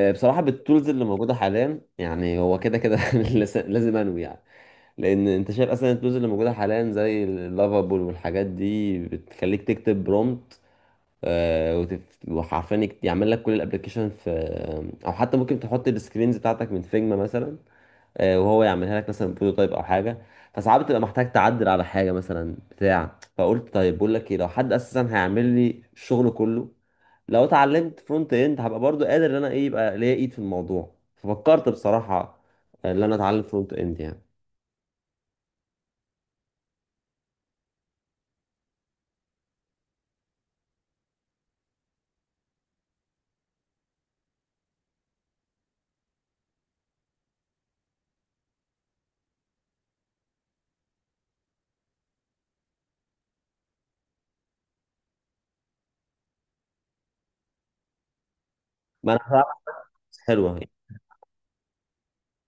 بصراحة بالتولز اللي موجودة حاليا يعني هو كده كده لازم انوي يعني. لأن أنت شايف أصلا التولز اللي موجودة حاليا زي اللافابول والحاجات دي بتخليك تكتب برومت، وحرفيا يعمل لك كل الابلكيشن في، أو حتى ممكن تحط السكرينز بتاعتك من فيجما مثلا. وهو يعملها لك مثلا بروتوتايب او حاجه. فساعات بتبقى محتاج تعدل على حاجه مثلا بتاع، فقلت طيب بقول لك ايه، لو حد اساسا هيعمل لي الشغل كله، لو اتعلمت فرونت اند هبقى برضو قادر ان انا ايه، يبقى ليا ايد في الموضوع. ففكرت بصراحه ان انا اتعلم فرونت اند يعني. ما انا فعلا حاسس حلوه.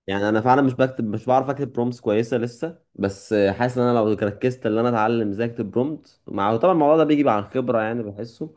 يعني انا فعلا مش بعرف اكتب برومتس كويسه لسه، بس حاسس ان انا لو ركزت ان انا اتعلم ازاي اكتب برومت، مع طبعا الموضوع ده بيجي مع الخبره يعني بحسه.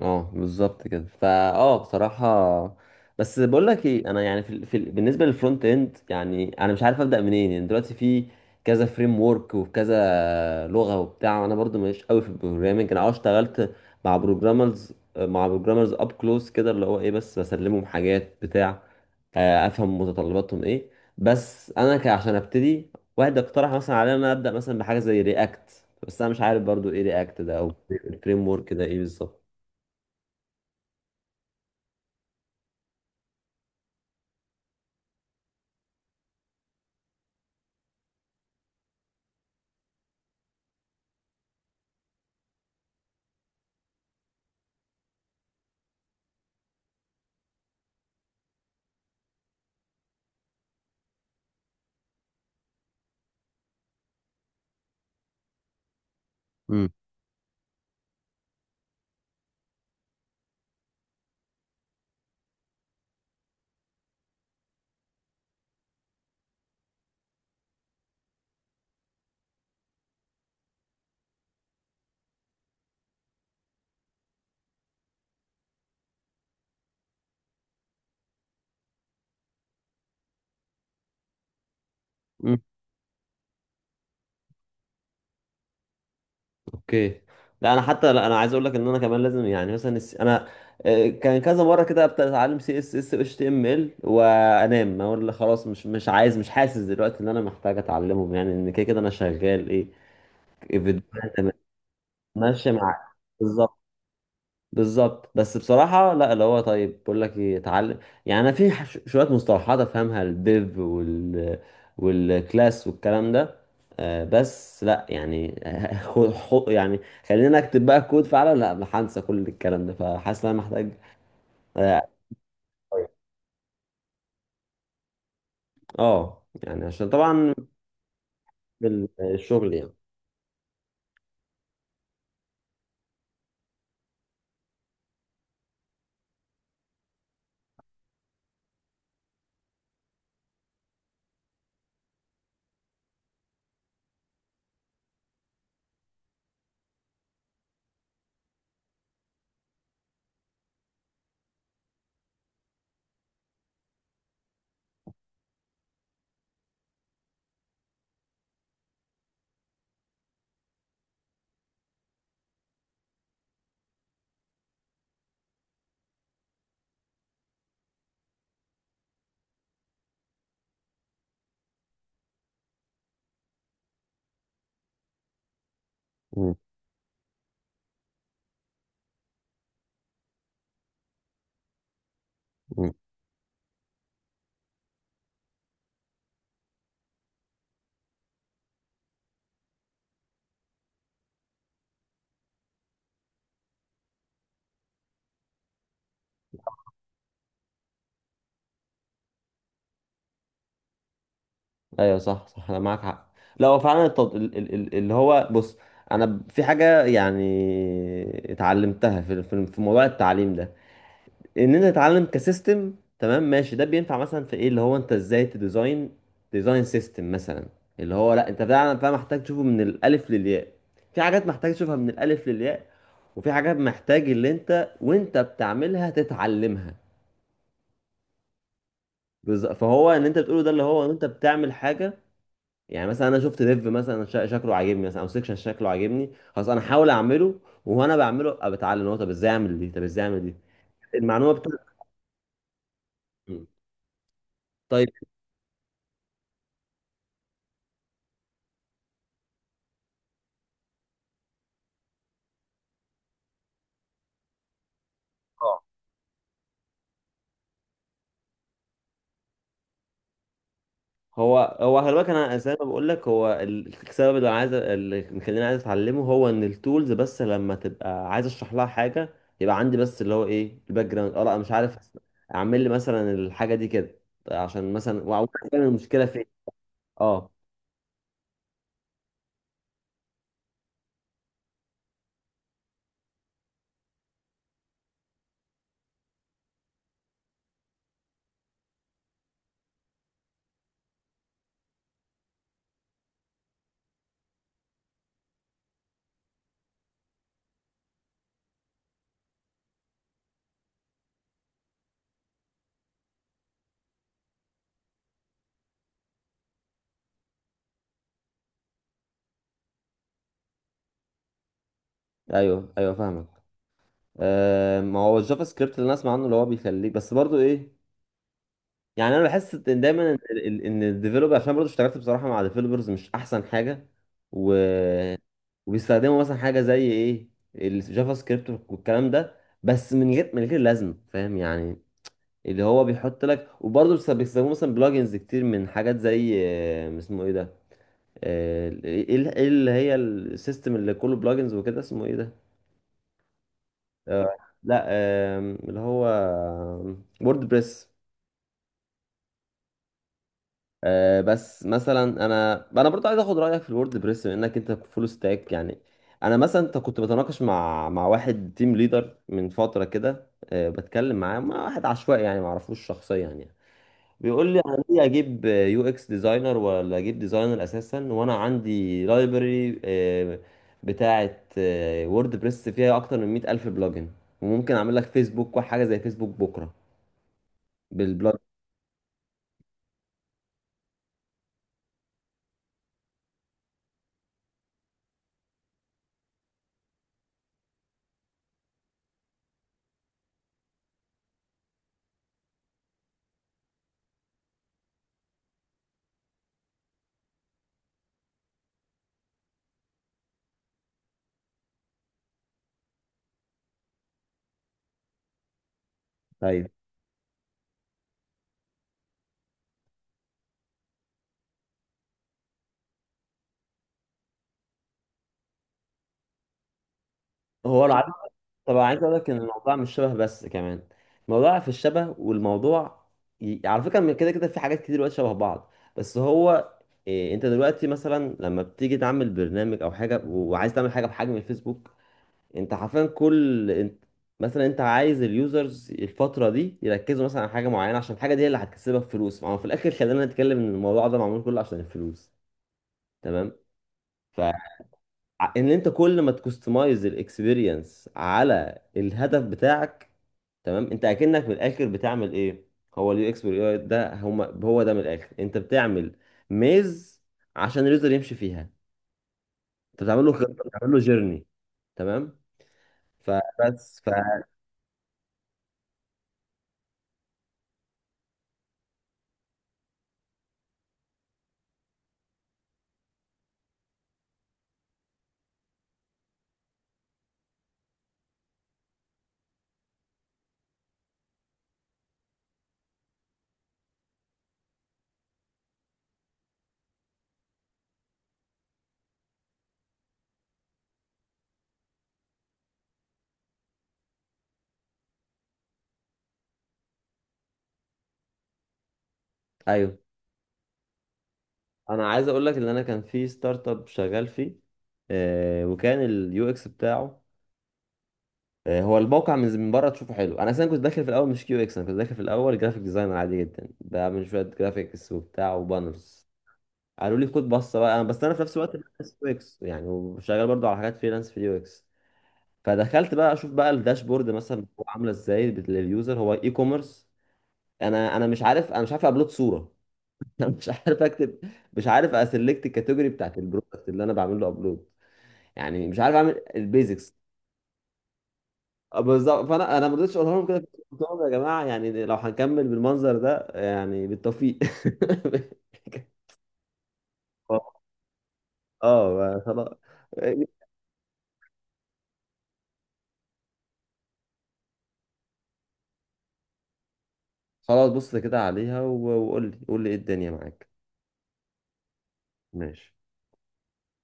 اه بالظبط كده، فا بصراحة بس بقول لك ايه، انا يعني بالنسبة للفرونت اند يعني انا مش عارف ابدأ منين. يعني دلوقتي في كذا فريم ورك وكذا لغة وبتاع، وانا برضو ماليش قوي في البروجرامنج. انا اه اشتغلت مع بروجرامرز اب كلوز كده، اللي هو ايه، بس بسلمهم حاجات بتاع، افهم متطلباتهم ايه. بس انا عشان ابتدي، واحد اقترح مثلا عليا ان انا ابدأ مثلا بحاجة زي رياكت، بس انا مش عارف برضو ايه رياكت ده او الفريم ورك ده ايه بالظبط. مم. اوكي. لا انا حتى، لا انا عايز اقول لك ان انا كمان لازم، يعني مثلا انا كان كذا مره كده ابدا اتعلم سي اس اس اتش تي ام ال، وانام اقول لك خلاص مش مش عايز، مش حاسس دلوقتي ان انا محتاج اتعلمهم، يعني ان كده كده انا شغال ايه، فيديوهات تمام، ماشي مع بالظبط بالظبط. بس بصراحة لا اللي هو، طيب بقول لك ايه اتعلم، يعني انا في شوية مصطلحات افهمها، الديف وال والكلاس والكلام ده بس لا يعني يعني خلينا اكتب بقى كود فعلا لا هنسى كل الكلام ده. فحاسس ان انا محتاج اه. يعني عشان طبعا الشغل يعني. مم. ايوه صح صح انا معاك حق. لا هو فعلا التط... ال- ال- ال- اللي هو بص، انا في حاجه يعني اتعلمتها في موضوع التعليم ده، ان انت تتعلم كسيستم. تمام ماشي، ده بينفع مثلا في ايه، اللي هو انت ازاي تديزاين ديزاين سيستم مثلا، اللي هو لا انت فعلا فعلا محتاج تشوفه من الالف للياء. في حاجات محتاج تشوفها من الالف للياء، وفي حاجات محتاج اللي انت وانت بتعملها تتعلمها. فهو ان انت بتقوله ده اللي هو ان انت بتعمل حاجه، يعني مثلا انا شفت ديف مثلا شكله عاجبني، مثلا او سيكشن شكله عاجبني، خلاص انا هحاول اعمله، وانا بعمله ابقى بتعلم، هو طب ازاي اعمل دي، طب ازاي اعمل دي المعلومه بتاعتي. طيب آه. هو هو خلي بالك، انا زي ما بقول لك، هو السبب اللي عايز اللي مخليني عايز اتعلمه، هو ان التولز بس لما تبقى عايز اشرح لها حاجه، يبقى عندي بس اللي هو ايه، الباك جراوند. اه لا مش عارف اعمل لي مثلا الحاجه دي كده، عشان مثلا وأعرف فاهم المشكله فين. اه. ايوه ايوه فاهمك. ما هو الجافا سكريبت اللي انا اسمع عنه، اللي هو بيخليك بس برضو ايه، يعني انا بحس ان دايما ان ان الديفلوبر، عشان برضو اشتغلت بصراحه مع ديفلوبرز مش احسن حاجه. و... وبيستخدموا مثلا حاجه زي ايه، الجافا سكريبت والكلام ده، بس من غير لازمه، فاهم يعني، اللي هو بيحط لك، وبرضه بيستخدموا مثلا بلجنز كتير من حاجات زي اسمه ايه ده، آه، ايه إيه اللي هي السيستم اللي كله بلجنز وكده، اسمه ايه ده. آه، لا اللي هو وورد بريس. بس مثلا انا انا برضو عايز اخد رايك في الوورد بريس، بما انك انت فول ستاك يعني. انا مثلا انت كنت بتناقش مع واحد تيم ليدر من فتره كده، بتكلم معاه مع واحد عشوائي يعني، ما اعرفوش شخصيا يعني، بيقول لي انا ليه اجيب يو اكس ديزاينر، ولا اجيب ديزاينر اساسا، وانا عندي لايبرري بتاعه وورد بريس فيها اكتر من 100 الف بلجن، وممكن اعمل لك فيسبوك وحاجه زي فيسبوك بكره بالبلاد. ايوه هو العلاقه، طبعا عايز اقول لك ان الموضوع مش شبه بس كمان، الموضوع في الشبه والموضوع على فكره من كده كده في حاجات كتير دلوقتي شبه بعض. بس هو إيه، انت دلوقتي مثلا لما بتيجي تعمل برنامج او حاجه وعايز تعمل حاجه بحجم الفيسبوك، انت حرفيا كل انت مثلا، انت عايز اليوزرز الفتره دي يركزوا مثلا على حاجه معينه، عشان الحاجه دي هي اللي هتكسبك فلوس. ما هو في الاخر خلينا نتكلم ان الموضوع ده معمول كله عشان الفلوس، تمام، ان انت كل ما تكستمايز الاكسبيرينس على الهدف بتاعك. تمام، انت اكنك من الاخر بتعمل ايه، هو اليو اكس واليو اي ده هما، هو ده من الاخر انت بتعمل ميز عشان اليوزر يمشي فيها، انت بتعمل له خطه، بتعمل له جيرني، تمام. فبس ف، ايوه انا عايز اقول لك ان انا كان في ستارت اب شغال فيه، آه وكان اليو اكس بتاعه هو الموقع من بره تشوفه حلو. انا اصلا كنت داخل في الاول مش كيو اكس، انا كنت داخل في الاول جرافيك ديزاينر عادي جدا، بعمل شويه جرافيكس وبتاع وبانرز، قالوا لي خد بصه بقى. بس انا في نفس الوقت بدرس يو اكس يعني، وشغال برضو على حاجات فريلانس في اليو اكس. فدخلت بقى اشوف بقى الداشبورد مثلا هو عامله ازاي لليوزر، هو اي كوميرس. انا انا مش عارف، انا مش عارف ابلود صوره، انا مش عارف اكتب، مش عارف اسلكت الكاتيجوري بتاعت البرودكت اللي انا بعمل له ابلود، يعني مش عارف اعمل البيزكس. بالظبط، فانا ما رضيتش اقولها لهم كده، قلت لهم يا جماعه يعني لو هنكمل بالمنظر ده يعني بالتوفيق. اه خلاص. خلاص بص كده عليها وقول لي قول لي ايه الدنيا معاك. ماشي.